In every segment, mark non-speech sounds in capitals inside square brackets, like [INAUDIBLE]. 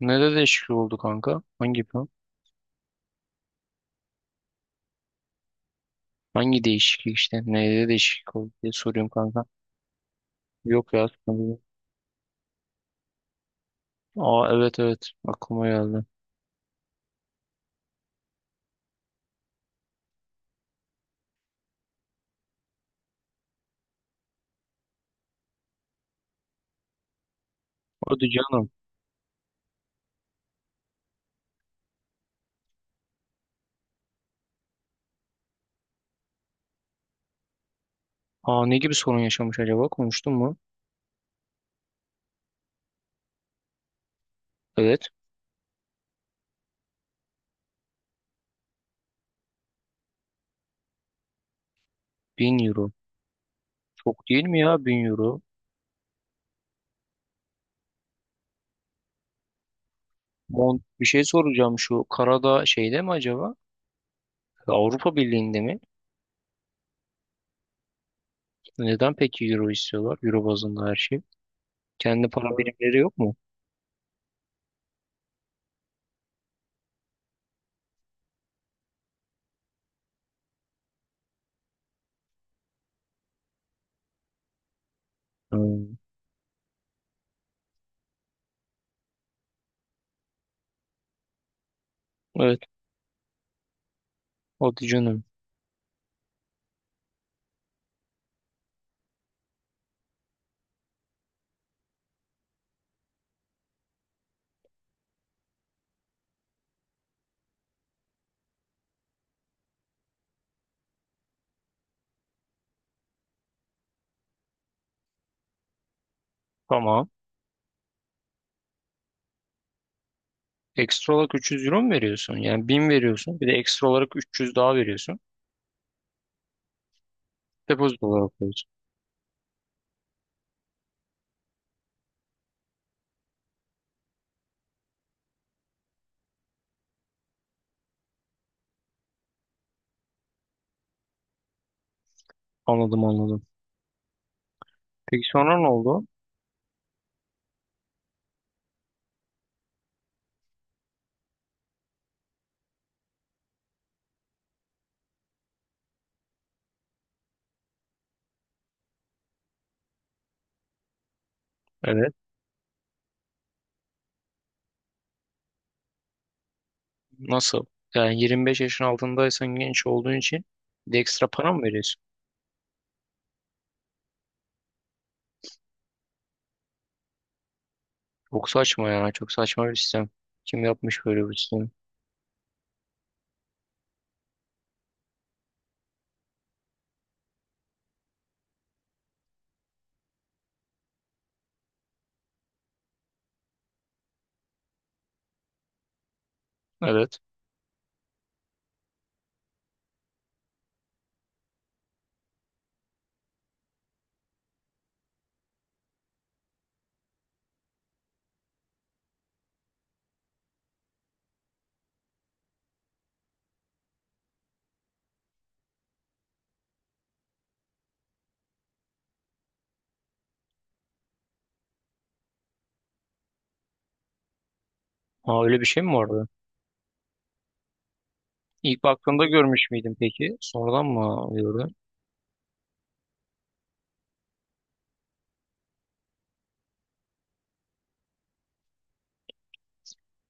Nede değişiklik oldu kanka? Hangi plan? Hangi değişiklik işte? Neyde değişiklik oldu diye soruyorum kanka. Yok ya sanırım. Aa, evet evet, aklıma geldi. Hadi canım. Aa, ne gibi sorun yaşamış acaba? Konuştun mu? Evet. Bin euro. Çok değil mi ya 1.000 euro? Mont, bir şey soracağım, şu Karadağ şeyde mi acaba? Avrupa Birliği'nde mi? Neden peki euro istiyorlar? Euro bazında her şey. Kendi para birimleri yok mu? Hmm. Evet. Hadi canım. Tamam. Ekstra olarak 300 euro mu veriyorsun? Yani 1.000 veriyorsun. Bir de ekstra olarak 300 daha veriyorsun. Depozito olarak veriyorsun. Anladım anladım. Peki sonra ne oldu? Evet. Nasıl? Yani 25 yaşın altındaysan genç olduğun için bir de ekstra para mı veriyorsun? Çok saçma ya. Çok saçma bir sistem. Kim yapmış böyle bir sistemi? Evet. Ha, öyle bir şey mi vardı? İlk baktığımda görmüş müydüm peki? Sonradan mı gördün?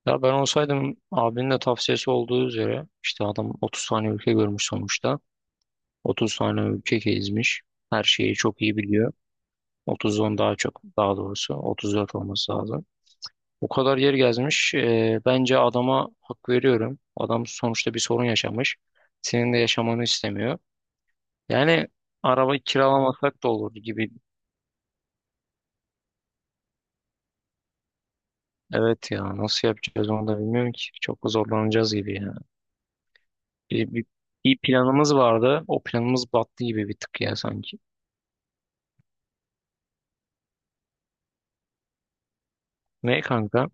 Ya ben olsaydım, abinin de tavsiyesi olduğu üzere, işte adam 30 tane ülke görmüş sonuçta. 30 tane ülke gezmiş. Her şeyi çok iyi biliyor. 30'dan daha çok, daha doğrusu 34 olması lazım. O kadar yer gezmiş. Bence adama hak veriyorum. Adam sonuçta bir sorun yaşamış. Senin de yaşamanı istemiyor. Yani araba kiralamasak da olur gibi. Evet ya, nasıl yapacağız onu da bilmiyorum ki. Çok zorlanacağız gibi ya. Bir, bir, bir planımız vardı. O planımız battı gibi bir tık ya sanki. Ne kanka?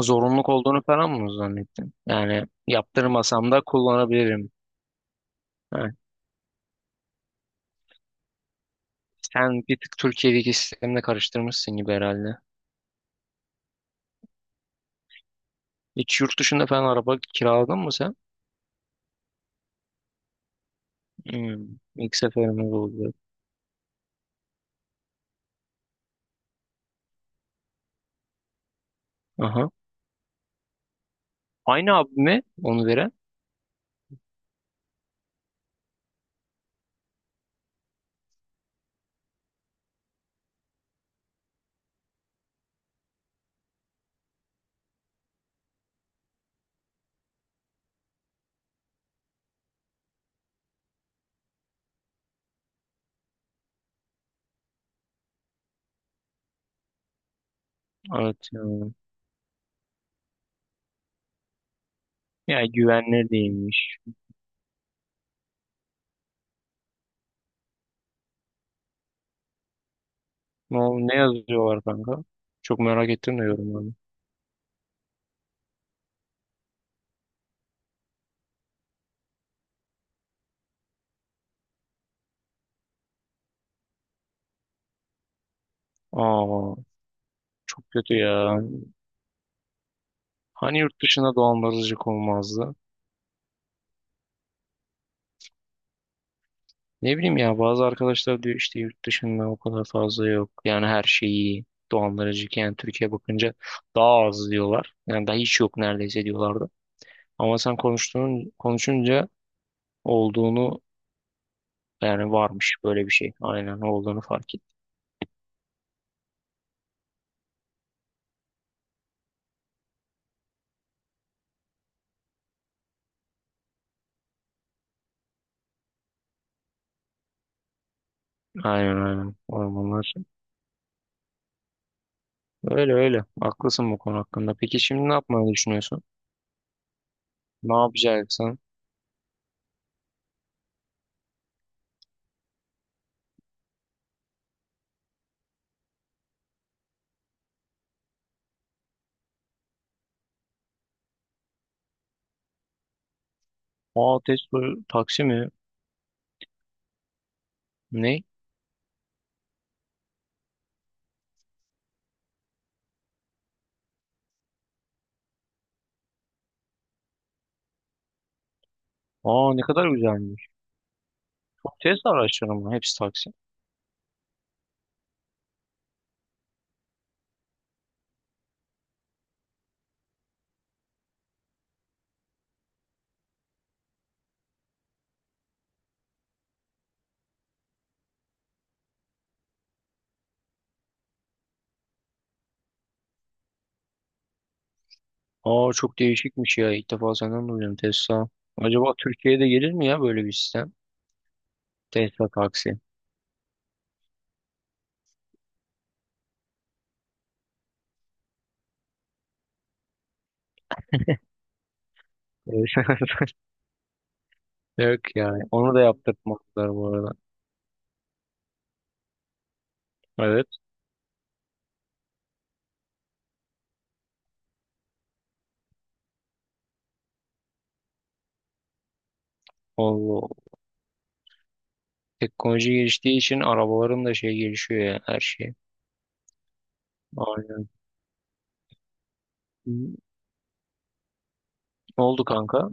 Zorunluluk olduğunu falan mı zannettin? Yani yaptırmasam da kullanabilirim. Ha, sen bir tık Türkiye'deki sistemle karıştırmışsın gibi herhalde. Hiç yurt dışında falan araba kiraladın mı sen? Hmm, ilk seferimiz oldu. Aha. Aynı abi mi onu veren? Evet. Ya. Yani güvenilir değilmiş. Ne yazıyorlar kanka? Çok merak ettim de yorumlarını. Aa, çok kötü ya. Hani yurt dışında dolandırıcılık olmazdı? Ne bileyim ya, bazı arkadaşlar diyor işte yurt dışında o kadar fazla yok. Yani her şeyi dolandırıcı, yani Türkiye bakınca daha az diyorlar. Yani daha hiç yok neredeyse diyorlardı. Ama sen konuştuğun konuşunca olduğunu, yani varmış böyle bir şey. Aynen olduğunu fark ettim. Aynen aynen, ormanlar. Öyle öyle. Haklısın bu konu hakkında. Peki şimdi ne yapmayı düşünüyorsun? Ne yapacaksın? Aa, Tesla taksi mi? Ne? Aa, ne kadar güzelmiş. Çok Tesla araçları mı? Hepsi taksi. Aa, çok değişikmiş ya. İlk defa senden duydum Tesla. Acaba Türkiye'de gelir mi ya böyle bir sistem? Tesla taksi. Evet. [LAUGHS] Yok yani. Onu da yaptırtmadılar bu arada. Evet. Allah Allah. Teknoloji geliştiği için arabaların da şey gelişiyor ya, her şey. Aynen. Ne oldu kanka?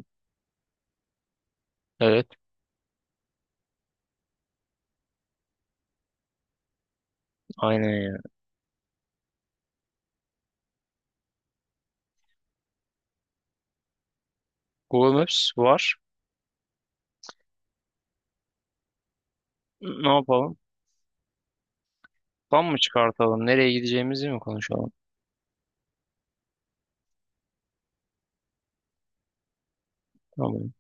Evet. Aynen ya. Google Maps var. Ne yapalım? Plan mı çıkartalım? Nereye gideceğimizi mi konuşalım? Tamam.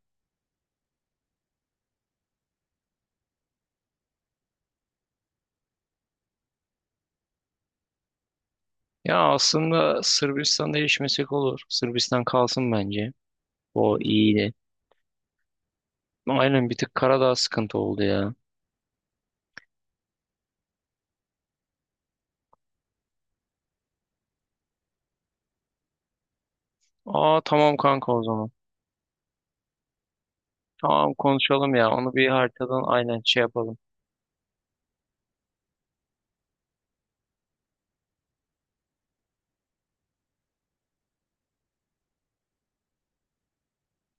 Ya aslında Sırbistan'da değişmesek olur. Sırbistan kalsın bence. O iyi. Aynen, bir tık Karadağ sıkıntı oldu ya. Aa, tamam kanka, o zaman. Tamam, konuşalım ya. Onu bir haritadan aynen şey yapalım.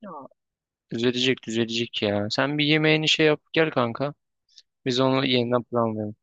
Ya, düzelecek düzelecek ya. Sen bir yemeğini şey yap gel kanka. Biz onu yeniden planlayalım.